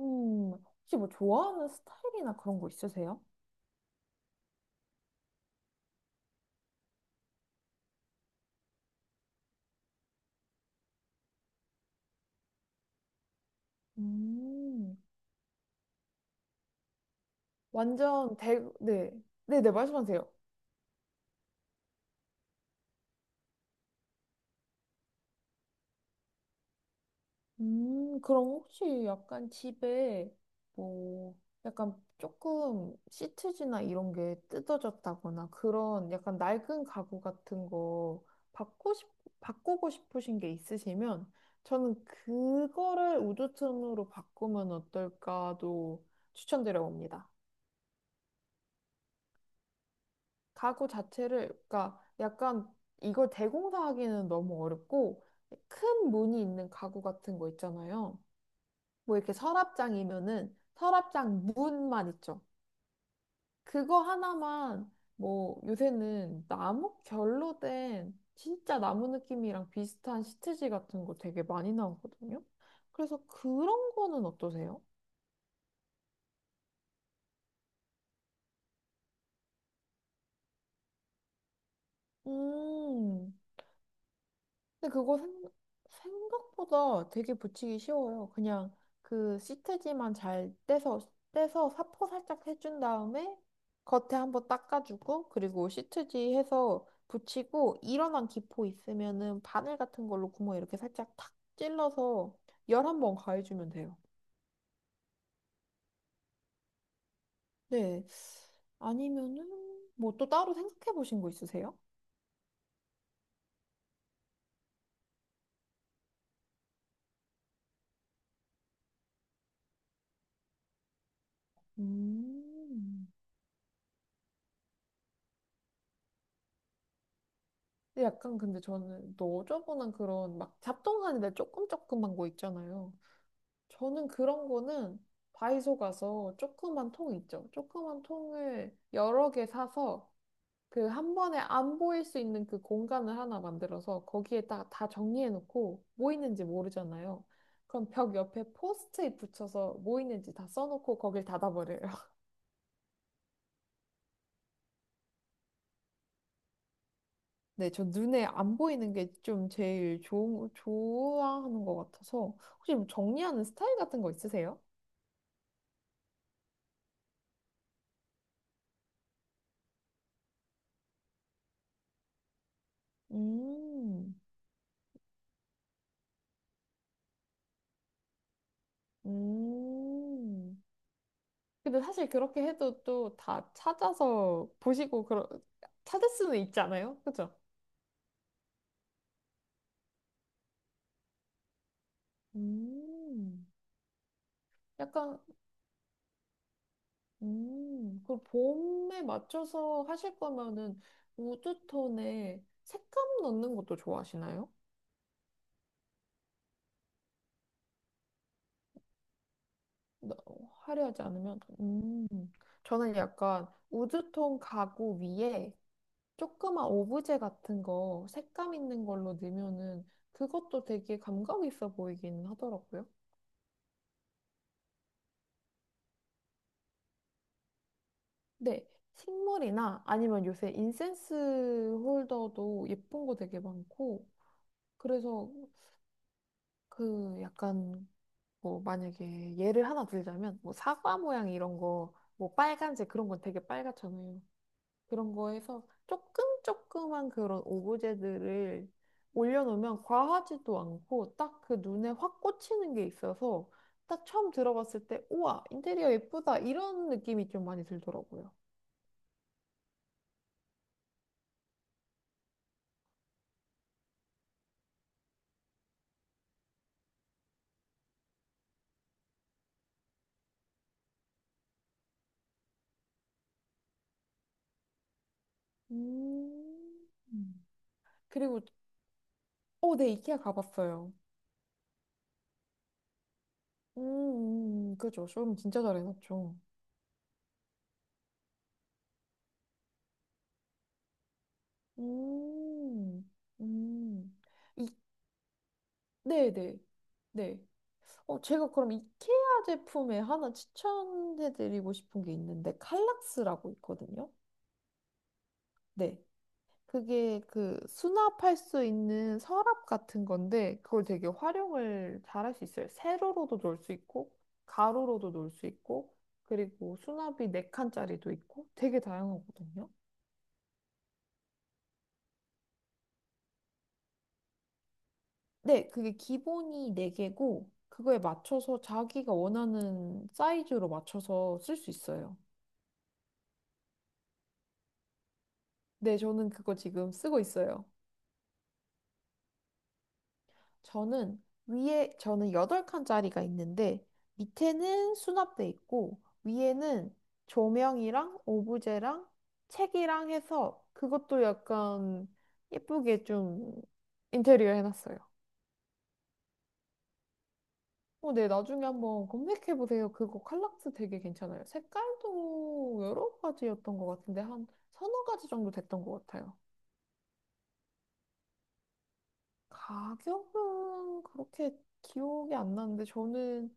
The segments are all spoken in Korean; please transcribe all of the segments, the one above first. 음, 혹시 뭐 좋아하는 스타일이나 그런 거 있으세요? 음, 네. 네네, 말씀하세요. 그럼 혹시 약간 집에 뭐, 약간 조금 시트지나 이런 게 뜯어졌다거나 그런 약간 낡은 가구 같은 거 바꾸 싶, 바꾸고 싶으신 게 있으시면 저는 그거를 우드톤으로 바꾸면 어떨까도 추천드려 봅니다. 가구 자체를, 그러니까 약간 이걸 대공사하기는 너무 어렵고, 큰 문이 있는 가구 같은 거 있잖아요. 뭐 이렇게 서랍장이면은 서랍장 문만 있죠. 그거 하나만 뭐 요새는 나무 결로 된 진짜 나무 느낌이랑 비슷한 시트지 같은 거 되게 많이 나오거든요. 그래서 그런 거는 어떠세요? 음. 근데 그거 생각보다 되게 붙이기 쉬워요. 그냥 그 시트지만 잘 떼서 사포 살짝 해준 다음에 겉에 한번 닦아주고, 그리고 시트지 해서 붙이고, 일어난 기포 있으면은 바늘 같은 걸로 구멍 이렇게 살짝 탁 찔러서 열한번 가해주면 돼요. 네. 아니면은 뭐 또 따로 생각해 보신 거 있으세요? 음. 근데 약간 근데 저는 너저분한 그런 막 잡동사니데 조금 조그만 거 있잖아요. 저는 그런 거는 다이소 가서 조그만 통 있죠. 조그만 통을 여러 개 사서 그 한 번에 안 보일 수 있는 그 공간을 하나 만들어서 거기에다가 다 정리해 놓고 뭐 있는지 모르잖아요. 그럼 벽 옆에 포스트잇 붙여서 뭐 있는지 다 써놓고 거길 닫아버려요. 네, 저 눈에 안 보이는 게 좀 제일 좋아하는 것 같아서. 혹시 뭐 정리하는 스타일 같은 거 있으세요? 음, 음. 근데 사실 그렇게 해도 또 다 찾아서 보시고, 찾을 수는 있지 않아요? 그죠? 음, 약간, 그 봄에 맞춰서 하실 거면은 우드톤에 색감 넣는 것도 좋아하시나요? 너- 화려하지 않으면 저는 약간 우드톤 가구 위에 조그만 오브제 같은 거 색감 있는 걸로 넣으면은 그것도 되게 감각 있어 보이긴 하더라고요. 네. 식물이나 아니면 요새 인센스 홀더도 예쁜 거 되게 많고 그래서 그 약간 뭐 만약에 예를 하나 들자면 뭐 사과 모양 이런 거 뭐 빨간색 그런 건 되게 빨갛잖아요. 그런 거에서 조금 조그만 그런 오브제들을 올려놓으면 과하지도 않고 딱 그 눈에 확 꽂히는 게 있어서 딱 처음 들어봤을 때 우와 인테리어 예쁘다 이런 느낌이 좀 많이 들더라고요. 음. 음. 그리고 네 이케아 가봤어요. 그죠. 쇼룸 진짜 잘해놨죠. 음, 음, 이, 네, 네, 네. 제가 그럼 이케아 제품에 하나 추천해드리고 싶은 게 있는데 칼락스라고 있거든요. 네. 그게 그 수납할 수 있는 서랍 같은 건데 그걸 되게 활용을 잘할 수 있어요. 세로로도 놓을 수 있고 가로로도 놓을 수 있고 그리고 수납이 네칸짜리도 있고 되게 다양하거든요. 네, 그게 기본이 네개고 그거에 맞춰서 자기가 원하는 사이즈로 맞춰서 쓸 수 있어요. 네, 저는 그거 지금 쓰고 있어요. 저는 위에 저는 8칸짜리가 있는데 밑에는 수납돼 있고 위에는 조명이랑 오브제랑 책이랑 해서 그것도 약간 예쁘게 좀 인테리어 해놨어요. 네, 나중에 한번 검색해보세요. 그거 칼락스 되게 괜찮아요. 색깔도 여러 가지였던 것 같은데 한 서너 가지 정도 됐던 것 같아요. 가격은 그렇게 기억이 안 나는데 저는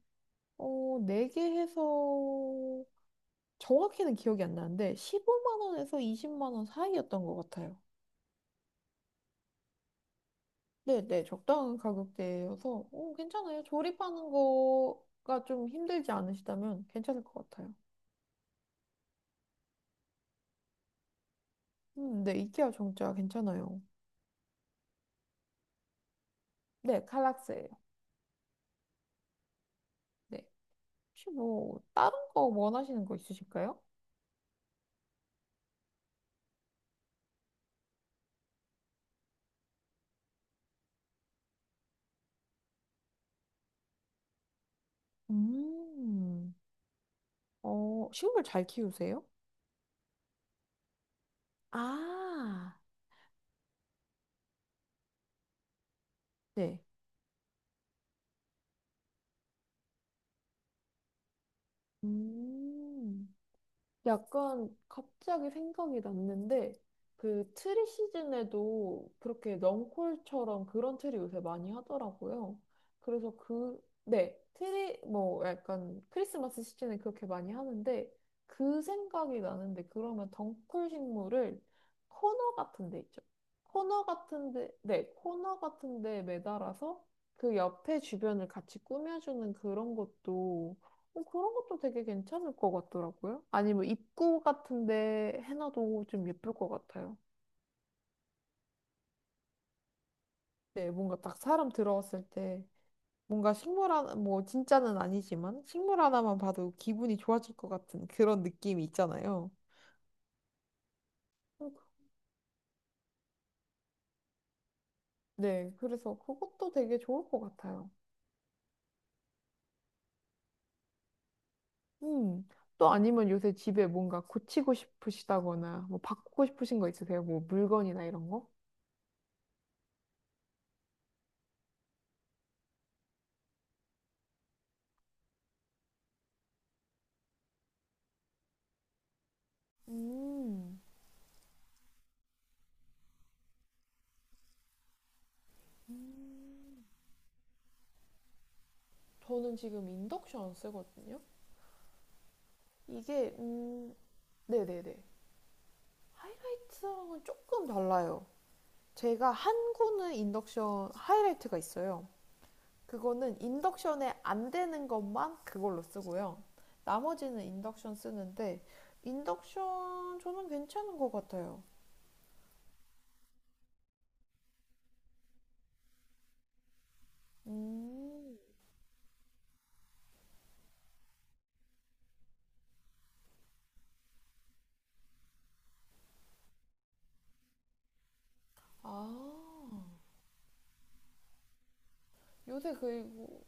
어, 4개 해서 정확히는 기억이 안 나는데 15만 원에서 20만 원 사이였던 것 같아요. 네, 네, 적당한 가격대여서 괜찮아요. 조립하는 거가 좀 힘들지 않으시다면 괜찮을 것 같아요. 네, 이케아 정자 괜찮아요. 네, 칼락스예요. 네, 혹시 뭐 다른 거 원하시는 거 있으실까요? 음, 식물 잘 키우세요? 아, 네. 음. 약간 갑자기 생각이 났는데 그 트리 시즌에도 그렇게 넝콜처럼 그런 트리 요새 많이 하더라고요. 그래서 그, 네, 트리 뭐 약간 크리스마스 시즌에 그렇게 많이 하는데 그 생각이 나는데 그러면 덩쿨 식물을 코너 같은 데 있죠. 코너 같은 데, 네, 코너 같은 데 매달아서 그 옆에 주변을 같이 꾸며주는 그런 것도 되게 괜찮을 것 같더라고요. 아니면 입구 같은데 해놔도 좀 예쁠 것 같아요. 네, 뭔가 딱 사람 들어왔을 때 뭔가 식물 하나, 뭐 진짜는 아니지만 식물 하나만 봐도 기분이 좋아질 것 같은 그런 느낌이 있잖아요. 음, 네, 그래서 그것도 되게 좋을 것 같아요. 음, 또 아니면 요새 집에 뭔가 고치고 싶으시다거나 뭐 바꾸고 싶으신 거 있으세요? 뭐 물건이나 이런 거? 음, 저는 지금 인덕션 쓰거든요. 이게, 네네네. 하이라이트랑은 조금 달라요. 제가 한 구는 인덕션 하이라이트가 있어요. 그거는 인덕션에 안 되는 것만 그걸로 쓰고요. 나머지는 인덕션 쓰는데, 인덕션 저는 괜찮은 것 같아요. 음, 아, 요새 그리고,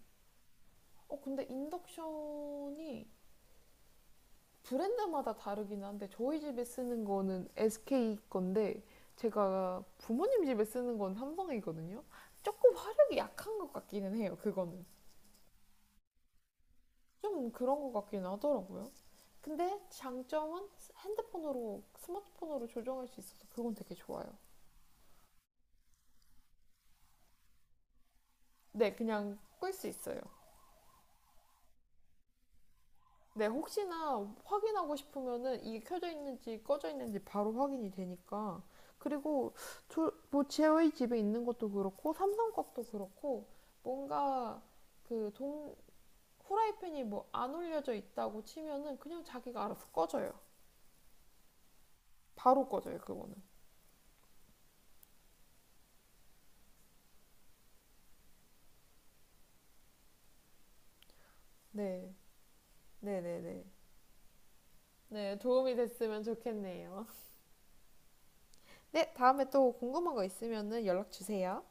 근데 인덕션이 브랜드마다 다르긴 한데 저희 집에 쓰는 거는 SK 건데 제가 부모님 집에 쓰는 건 삼성이거든요. 조금 화력이 약한 것 같기는 해요. 그거는 좀 그런 것 같긴 하더라고요. 근데 장점은 핸드폰으로 스마트폰으로 조정할 수 있어서 그건 되게 좋아요. 네, 그냥 끌 수 있어요. 네, 혹시나 확인하고 싶으면은 이게 켜져 있는지 꺼져 있는지 바로 확인이 되니까. 그리고 뭐 저희 집에 있는 것도 그렇고 삼성 것도 그렇고 뭔가 그 동, 후라이팬이 뭐 안 올려져 있다고 치면은 그냥 자기가 알아서 꺼져요. 바로 꺼져요, 그거는. 네. 네네네. 네, 도움이 됐으면 좋겠네요. 네, 다음에 또 궁금한 거 있으면은 연락 주세요.